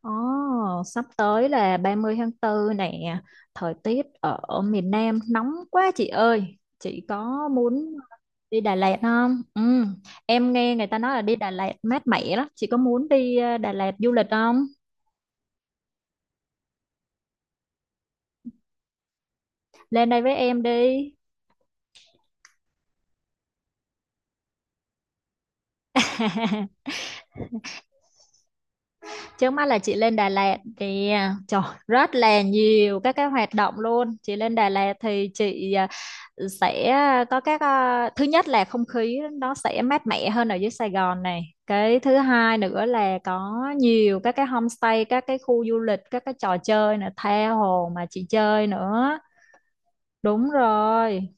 Ồ, sắp tới là 30 tháng 4 nè, thời tiết ở miền Nam nóng quá chị ơi. Chị có muốn đi Đà Lạt không? Ừ, em nghe người ta nói là đi Đà Lạt mát mẻ lắm. Chị có muốn đi Đà Lạt du lịch không? Lên đây với em đi. Trước mắt là chị lên Đà Lạt thì trời rất là nhiều các cái hoạt động luôn. Chị lên Đà Lạt thì chị sẽ có các thứ nhất là không khí nó sẽ mát mẻ hơn ở dưới Sài Gòn này. Cái thứ hai nữa là có nhiều các cái homestay, các cái khu du lịch, các cái trò chơi nữa, tha hồ mà chị chơi nữa. Đúng rồi.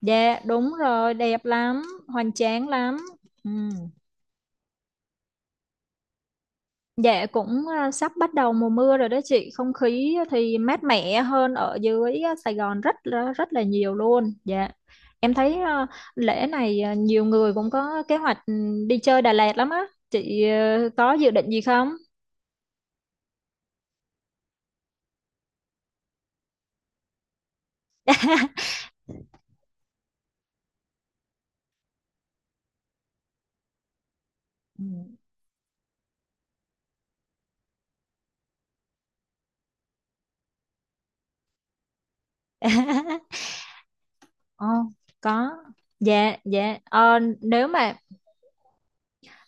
Dạ, đúng rồi, đẹp lắm, hoành tráng lắm. Ừ. Dạ cũng sắp bắt đầu mùa mưa rồi đó chị, không khí thì mát mẻ hơn ở dưới Sài Gòn rất là nhiều luôn. Dạ. Em thấy lễ này nhiều người cũng có kế hoạch đi chơi Đà Lạt lắm á. Chị có dự định gì không? Ừ. Ồ, có. Dạ, dạ. Ờ, nếu mà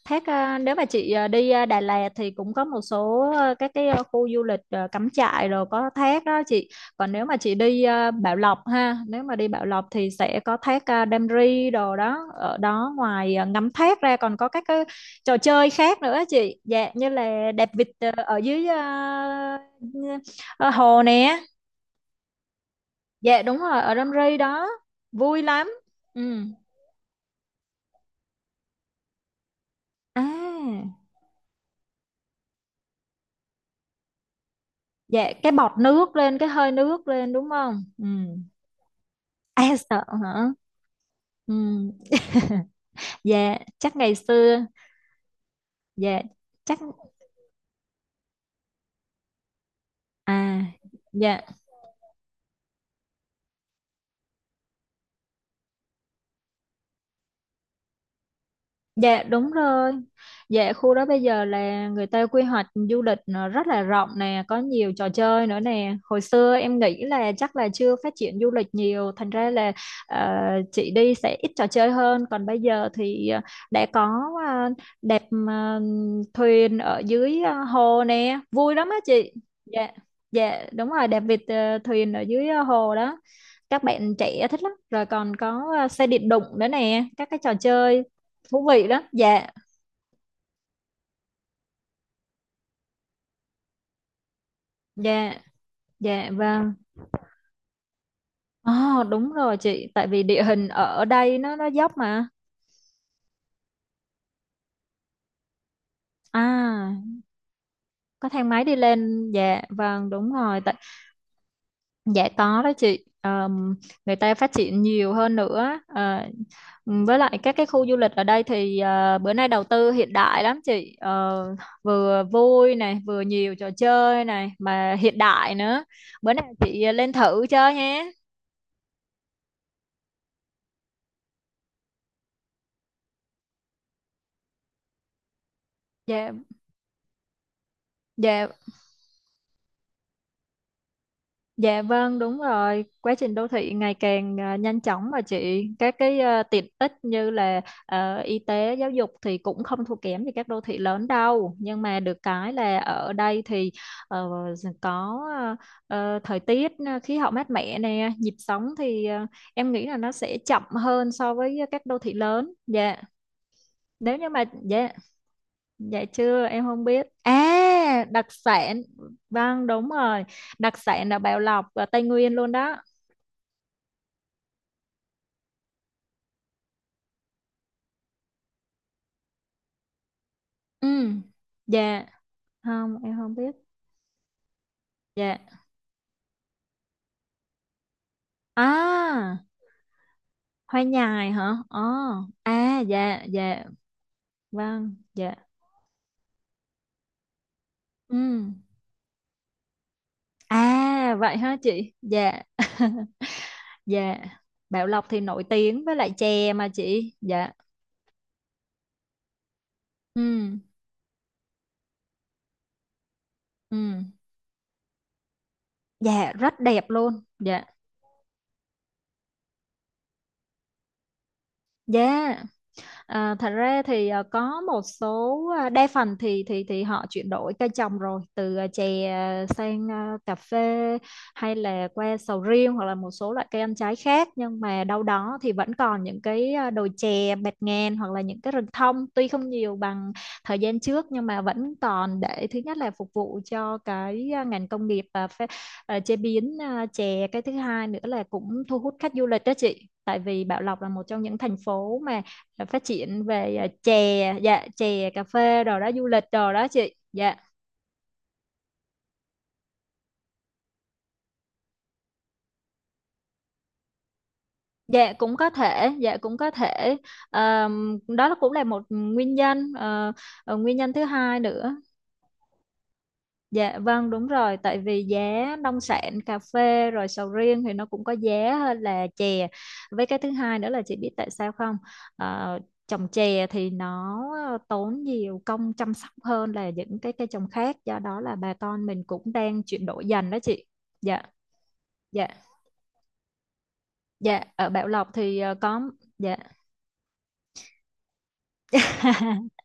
Thác nếu mà chị đi Đà Lạt thì cũng có một số các cái khu du lịch cắm trại rồi có thác đó chị. Còn nếu mà chị đi Bảo Lộc ha, nếu mà đi Bảo Lộc thì sẽ có thác Đam Ri đồ đó. Ở đó ngoài ngắm thác ra còn có các cái trò chơi khác nữa chị. Dạ như là đạp vịt ở dưới hồ nè. Dạ đúng rồi ở Đam Ri đó. Vui lắm. Ừ. À, dạ cái bọt nước lên cái hơi nước lên đúng không? Ừ. À, sợ hả? Ừ. Dạ, chắc ngày xưa. Dạ, chắc à dạ Dạ đúng rồi. Dạ khu đó bây giờ là người ta quy hoạch du lịch nó rất là rộng nè, có nhiều trò chơi nữa nè. Hồi xưa em nghĩ là chắc là chưa phát triển du lịch nhiều, thành ra là ờ, chị đi sẽ ít trò chơi hơn. Còn bây giờ thì đã có ờ, đạp ờ, thuyền ở dưới hồ nè, vui lắm á chị. Dạ, dạ đúng rồi, đạp vịt thuyền ở dưới hồ đó. Các bạn trẻ thích lắm. Rồi còn có xe điện đụng nữa nè, các cái trò chơi thú vị lắm. Dạ, dạ, dạ. vâng Ồ, đúng rồi chị, tại vì địa hình ở đây nó dốc mà. À, có thang máy đi lên. Dạ vâng đúng rồi tại dạ có đó chị. Người ta phát triển nhiều hơn nữa. Ờ, với lại các cái khu du lịch ở đây thì bữa nay đầu tư hiện đại lắm chị. Ờ, Vừa vui này vừa nhiều trò chơi này mà hiện đại nữa, bữa nào chị lên thử chơi nhé. Dạ, dạ. Dạ vâng, đúng rồi. Quá trình đô thị ngày càng nhanh chóng mà chị. Các cái tiện ích như là y tế, giáo dục thì cũng không thua kém gì các đô thị lớn đâu. Nhưng mà được cái là ở đây thì ờ, có thời tiết khí hậu mát mẻ nè, nhịp sống thì em nghĩ là nó sẽ chậm hơn so với các đô thị lớn. Dạ. Nếu như mà dạ dạ chưa, em không biết. À, đặc sản. Vâng, đúng rồi. Đặc sản là Bảo Lộc ở Tây Nguyên luôn đó. Ừ, dạ, không, em không biết. Dạ. À, hoa nhài hả? Ờ, à, dạ, dạ, vâng, dạ. Ừ, à, vậy hả chị? Dạ, dạ. Bảo Lộc thì nổi tiếng với lại chè mà chị. Dạ, ừ, ừ, dạ, rất đẹp luôn. Dạ, dạ. À, thật ra thì có một số đa phần thì họ chuyển đổi cây trồng rồi từ chè sang cà phê hay là qua sầu riêng hoặc là một số loại cây ăn trái khác, nhưng mà đâu đó thì vẫn còn những cái đồi chè bạt ngàn hoặc là những cái rừng thông tuy không nhiều bằng thời gian trước nhưng mà vẫn còn để thứ nhất là phục vụ cho cái ngành công nghiệp chế biến chè, cái thứ hai nữa là cũng thu hút khách du lịch đó chị, tại vì Bảo Lộc là một trong những thành phố mà là phát triển về chè, dạ chè cà phê đồ đó, du lịch đồ đó chị. Dạ dạ cũng có thể, dạ cũng có thể. Đó cũng là một nguyên nhân. Ờ, Nguyên nhân thứ hai nữa, dạ vâng đúng rồi, tại vì giá nông sản cà phê rồi sầu riêng thì nó cũng có giá hơn là chè, với cái thứ hai nữa là chị biết tại sao không. Ờ, Trồng chè thì nó tốn nhiều công chăm sóc hơn là những cái cây trồng khác, do đó là bà con mình cũng đang chuyển đổi dần đó chị. Dạ. Dạ, dạ, ở Bảo Lộc thì, có dạ.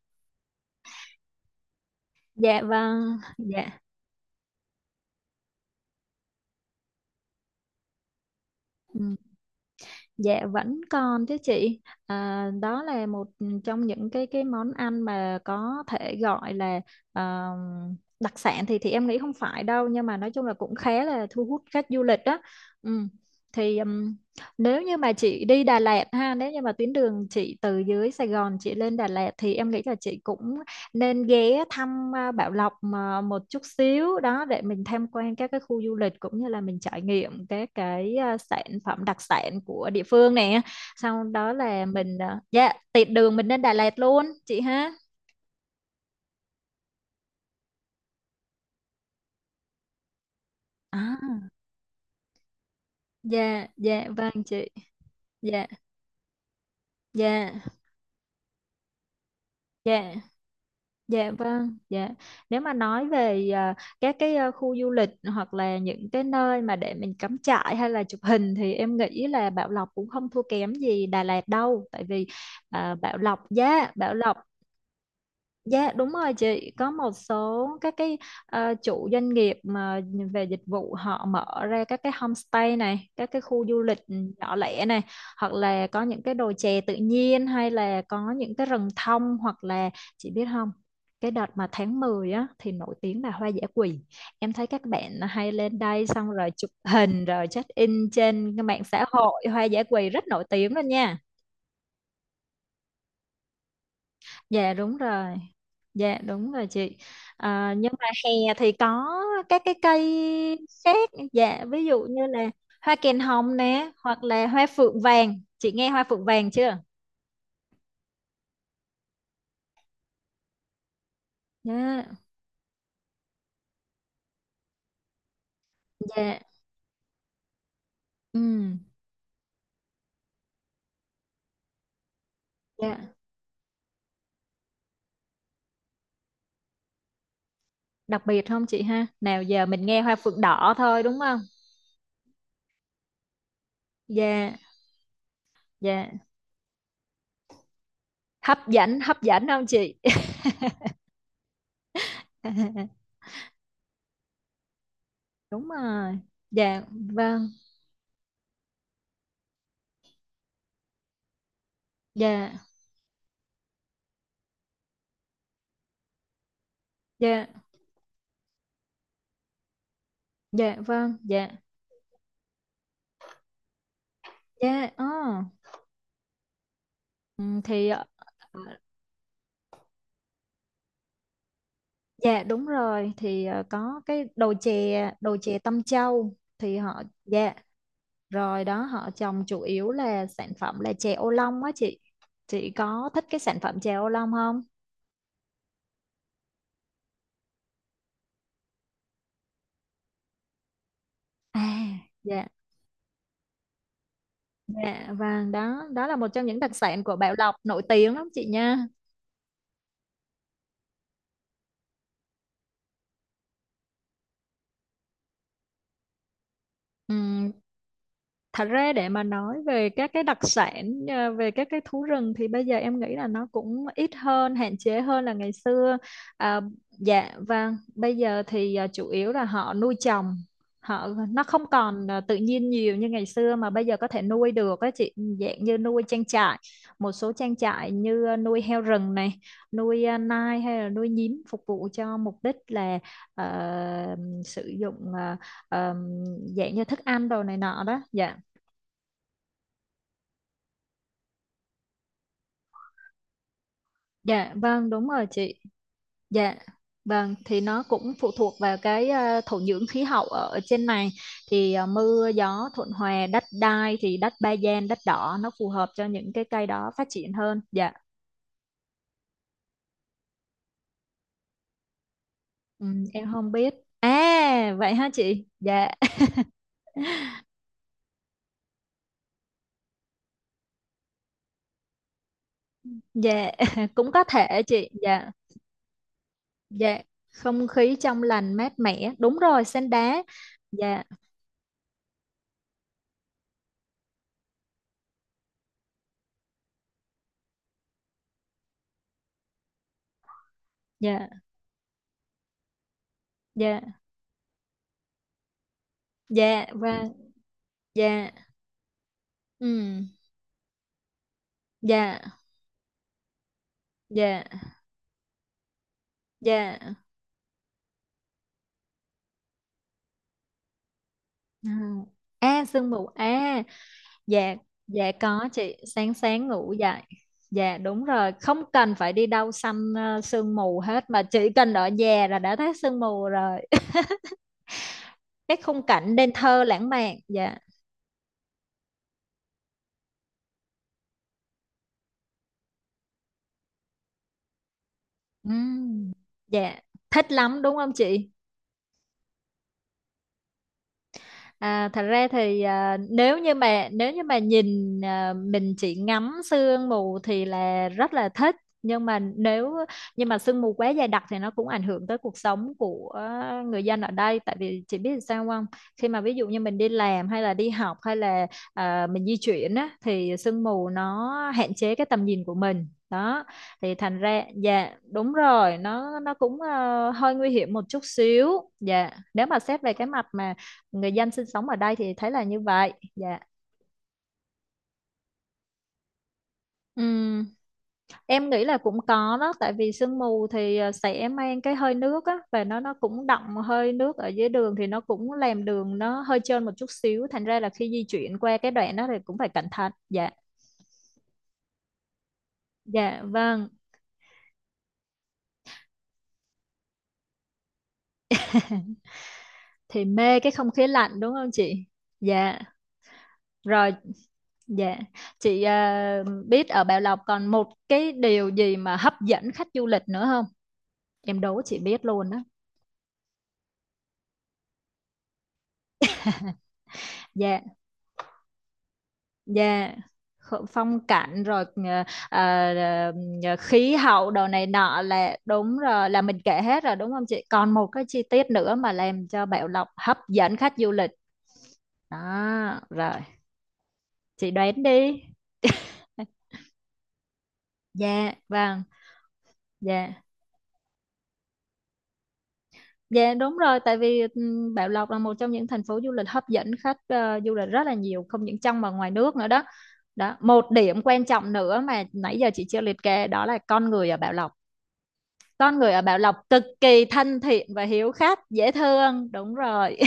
Dạ vâng, dạ, ừm, dạ vẫn còn chứ chị. À, đó là một trong những cái món ăn mà có thể gọi là ờ, đặc sản, thì em nghĩ không phải đâu nhưng mà nói chung là cũng khá là thu hút khách du lịch đó. Ừm, Thì nếu như mà chị đi Đà Lạt ha, nếu như mà tuyến đường chị từ dưới Sài Gòn chị lên Đà Lạt thì em nghĩ là chị cũng nên ghé thăm Bảo Lộc mà một chút xíu đó, để mình tham quan các cái khu du lịch cũng như là mình trải nghiệm các cái sản phẩm đặc sản của địa phương nè, sau đó là mình dạ tiện đường mình lên Đà Lạt luôn chị ha. À. Dạ dạ vâng chị. Dạ dạ dạ. Dạ vâng, dạ. Nếu mà nói về các cái khu du lịch hoặc là những cái nơi mà để mình cắm trại hay là chụp hình thì em nghĩ là Bảo Lộc cũng không thua kém gì Đà Lạt đâu, tại vì Bảo Lộc. Dạ đúng rồi chị, có một số các cái chủ doanh nghiệp mà về dịch vụ họ mở ra các cái homestay này, các cái khu du lịch nhỏ lẻ này, hoặc là có những cái đồi chè tự nhiên hay là có những cái rừng thông hoặc là, chị biết không? Cái đợt mà tháng 10 á thì nổi tiếng là hoa dã quỳ. Em thấy các bạn hay lên đây xong rồi chụp hình rồi check in trên cái mạng xã hội, hoa dã quỳ rất nổi tiếng luôn nha. Dạ đúng rồi. Dạ đúng rồi chị. À, nhưng mà hè thì có các cái cây khác. Dạ ví dụ như là hoa kèn hồng nè hoặc là hoa phượng vàng. Chị nghe hoa phượng vàng chưa? Dạ. Dạ. Ừ. Dạ. Đặc biệt không chị ha? Nào giờ mình nghe hoa phượng đỏ thôi đúng không? Dạ. Dạ. Hấp dẫn không chị? Đúng rồi. Dạ vâng. Dạ. Dạ. Dạ vâng. Dạ. Dạ. Ờ. Ừ, thì ờ, dạ đúng rồi, thì có cái đồi chè Tâm Châu thì họ dạ rồi đó, họ trồng chủ yếu là sản phẩm là chè ô long á chị có thích cái sản phẩm chè ô long không? à dạ, dạ, vâng, đó đó là một trong những đặc sản của Bảo Lộc nổi tiếng lắm chị nha. Ừ, thật ra để mà nói về các cái đặc sản về các cái thú rừng thì bây giờ em nghĩ là nó cũng ít hơn, hạn chế hơn là ngày xưa. à, dạ vâng bây giờ thì chủ yếu là họ nuôi trồng, họ nó không còn tự nhiên nhiều như ngày xưa mà bây giờ có thể nuôi được á chị, dạng như nuôi trang trại. Một số trang trại như nuôi heo rừng này, nuôi nai hay là nuôi nhím, phục vụ cho mục đích là ờ, sử dụng ờ, dạng như thức ăn đồ này nọ đó dạ. Dạ vâng đúng rồi chị. Dạ vâng, thì nó cũng phụ thuộc vào cái thổ nhưỡng khí hậu ở ở trên này, thì mưa gió thuận hòa, đất đai thì đất ba gian đất đỏ nó phù hợp cho những cái cây đó phát triển hơn. Dạ. Em không biết. À vậy ha chị. Dạ dạ cũng có thể chị. Dạ dạ, không khí trong lành mát mẻ. Đúng rồi, sen đá. Dạ, dạ, dạ, dạ vâng, dạ, ừm, dạ, dạ, dạ. À, À, sương mù à? Dạ. Dạ, có chị, sáng sáng ngủ dậy dạ đúng rồi, không cần phải đi đâu săn sương mù hết mà chỉ cần ở nhà là đã thấy sương mù rồi. Cái khung cảnh nên thơ lãng mạn. Dạ. Ừm, dạ, thích lắm đúng không chị? Thật ra thì nếu như mà nhìn, mình chỉ ngắm sương mù thì là rất là thích. Nhưng mà nếu, nhưng mà sương mù quá dày đặc thì nó cũng ảnh hưởng tới cuộc sống của người dân ở đây. Tại vì chị biết sao không, khi mà ví dụ như mình đi làm hay là đi học hay là mình di chuyển á, thì sương mù nó hạn chế cái tầm nhìn của mình đó. Thì thành ra dạ đúng rồi, nó cũng hơi nguy hiểm một chút xíu. Dạ, nếu mà xét về cái mặt mà người dân sinh sống ở đây thì thấy là như vậy. Dạ. Ừ, em nghĩ là cũng có đó, tại vì sương mù thì sẽ mang cái hơi nước á, và nó cũng đọng hơi nước ở dưới đường thì nó cũng làm đường nó hơi trơn một chút xíu, thành ra là khi di chuyển qua cái đoạn đó thì cũng phải cẩn thận. Dạ. Dạ vâng, thì mê cái không khí lạnh đúng không chị? Dạ. Rồi, dạ chị biết ở Bảo Lộc còn một cái điều gì mà hấp dẫn khách du lịch nữa không, em đố chị biết luôn đó. Dạ. Dạ, phong cảnh rồi, ờ, khí hậu đồ này nọ là đúng rồi, là mình kể hết rồi đúng không chị? Còn một cái chi tiết nữa mà làm cho Bảo Lộc hấp dẫn khách du lịch. Đó, rồi, chị đoán đi. Dạ, vâng, dạ. Dạ đúng rồi, tại vì Bảo Lộc là một trong những thành phố du lịch hấp dẫn khách du lịch rất là nhiều, không những trong mà ngoài nước nữa đó. Đó, một điểm quan trọng nữa mà nãy giờ chị chưa liệt kê đó là con người ở Bảo Lộc. Con người ở Bảo Lộc cực kỳ thân thiện và hiếu khách, dễ thương. Đúng rồi.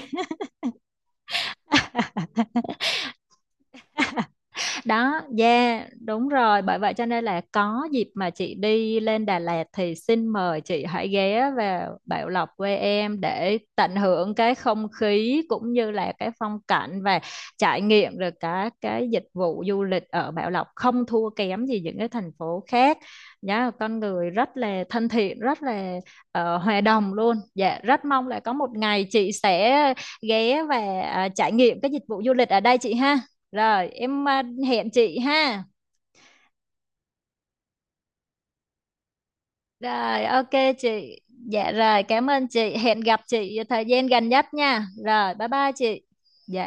Đó, yeah, đúng rồi, bởi vậy cho nên là có dịp mà chị đi lên Đà Lạt thì xin mời chị hãy ghé vào Bảo Lộc quê em để tận hưởng cái không khí cũng như là cái phong cảnh và trải nghiệm được cả cái dịch vụ du lịch ở Bảo Lộc không thua kém gì những cái thành phố khác nhá. Con người rất là thân thiện, rất là hòa đồng luôn. Dạ, rất mong là có một ngày chị sẽ ghé và trải nghiệm cái dịch vụ du lịch ở đây chị ha. Rồi, em hẹn chị ha. Rồi, ok chị. Dạ rồi, cảm ơn chị. Hẹn gặp chị thời gian gần nhất nha. Rồi, bye bye chị. Dạ.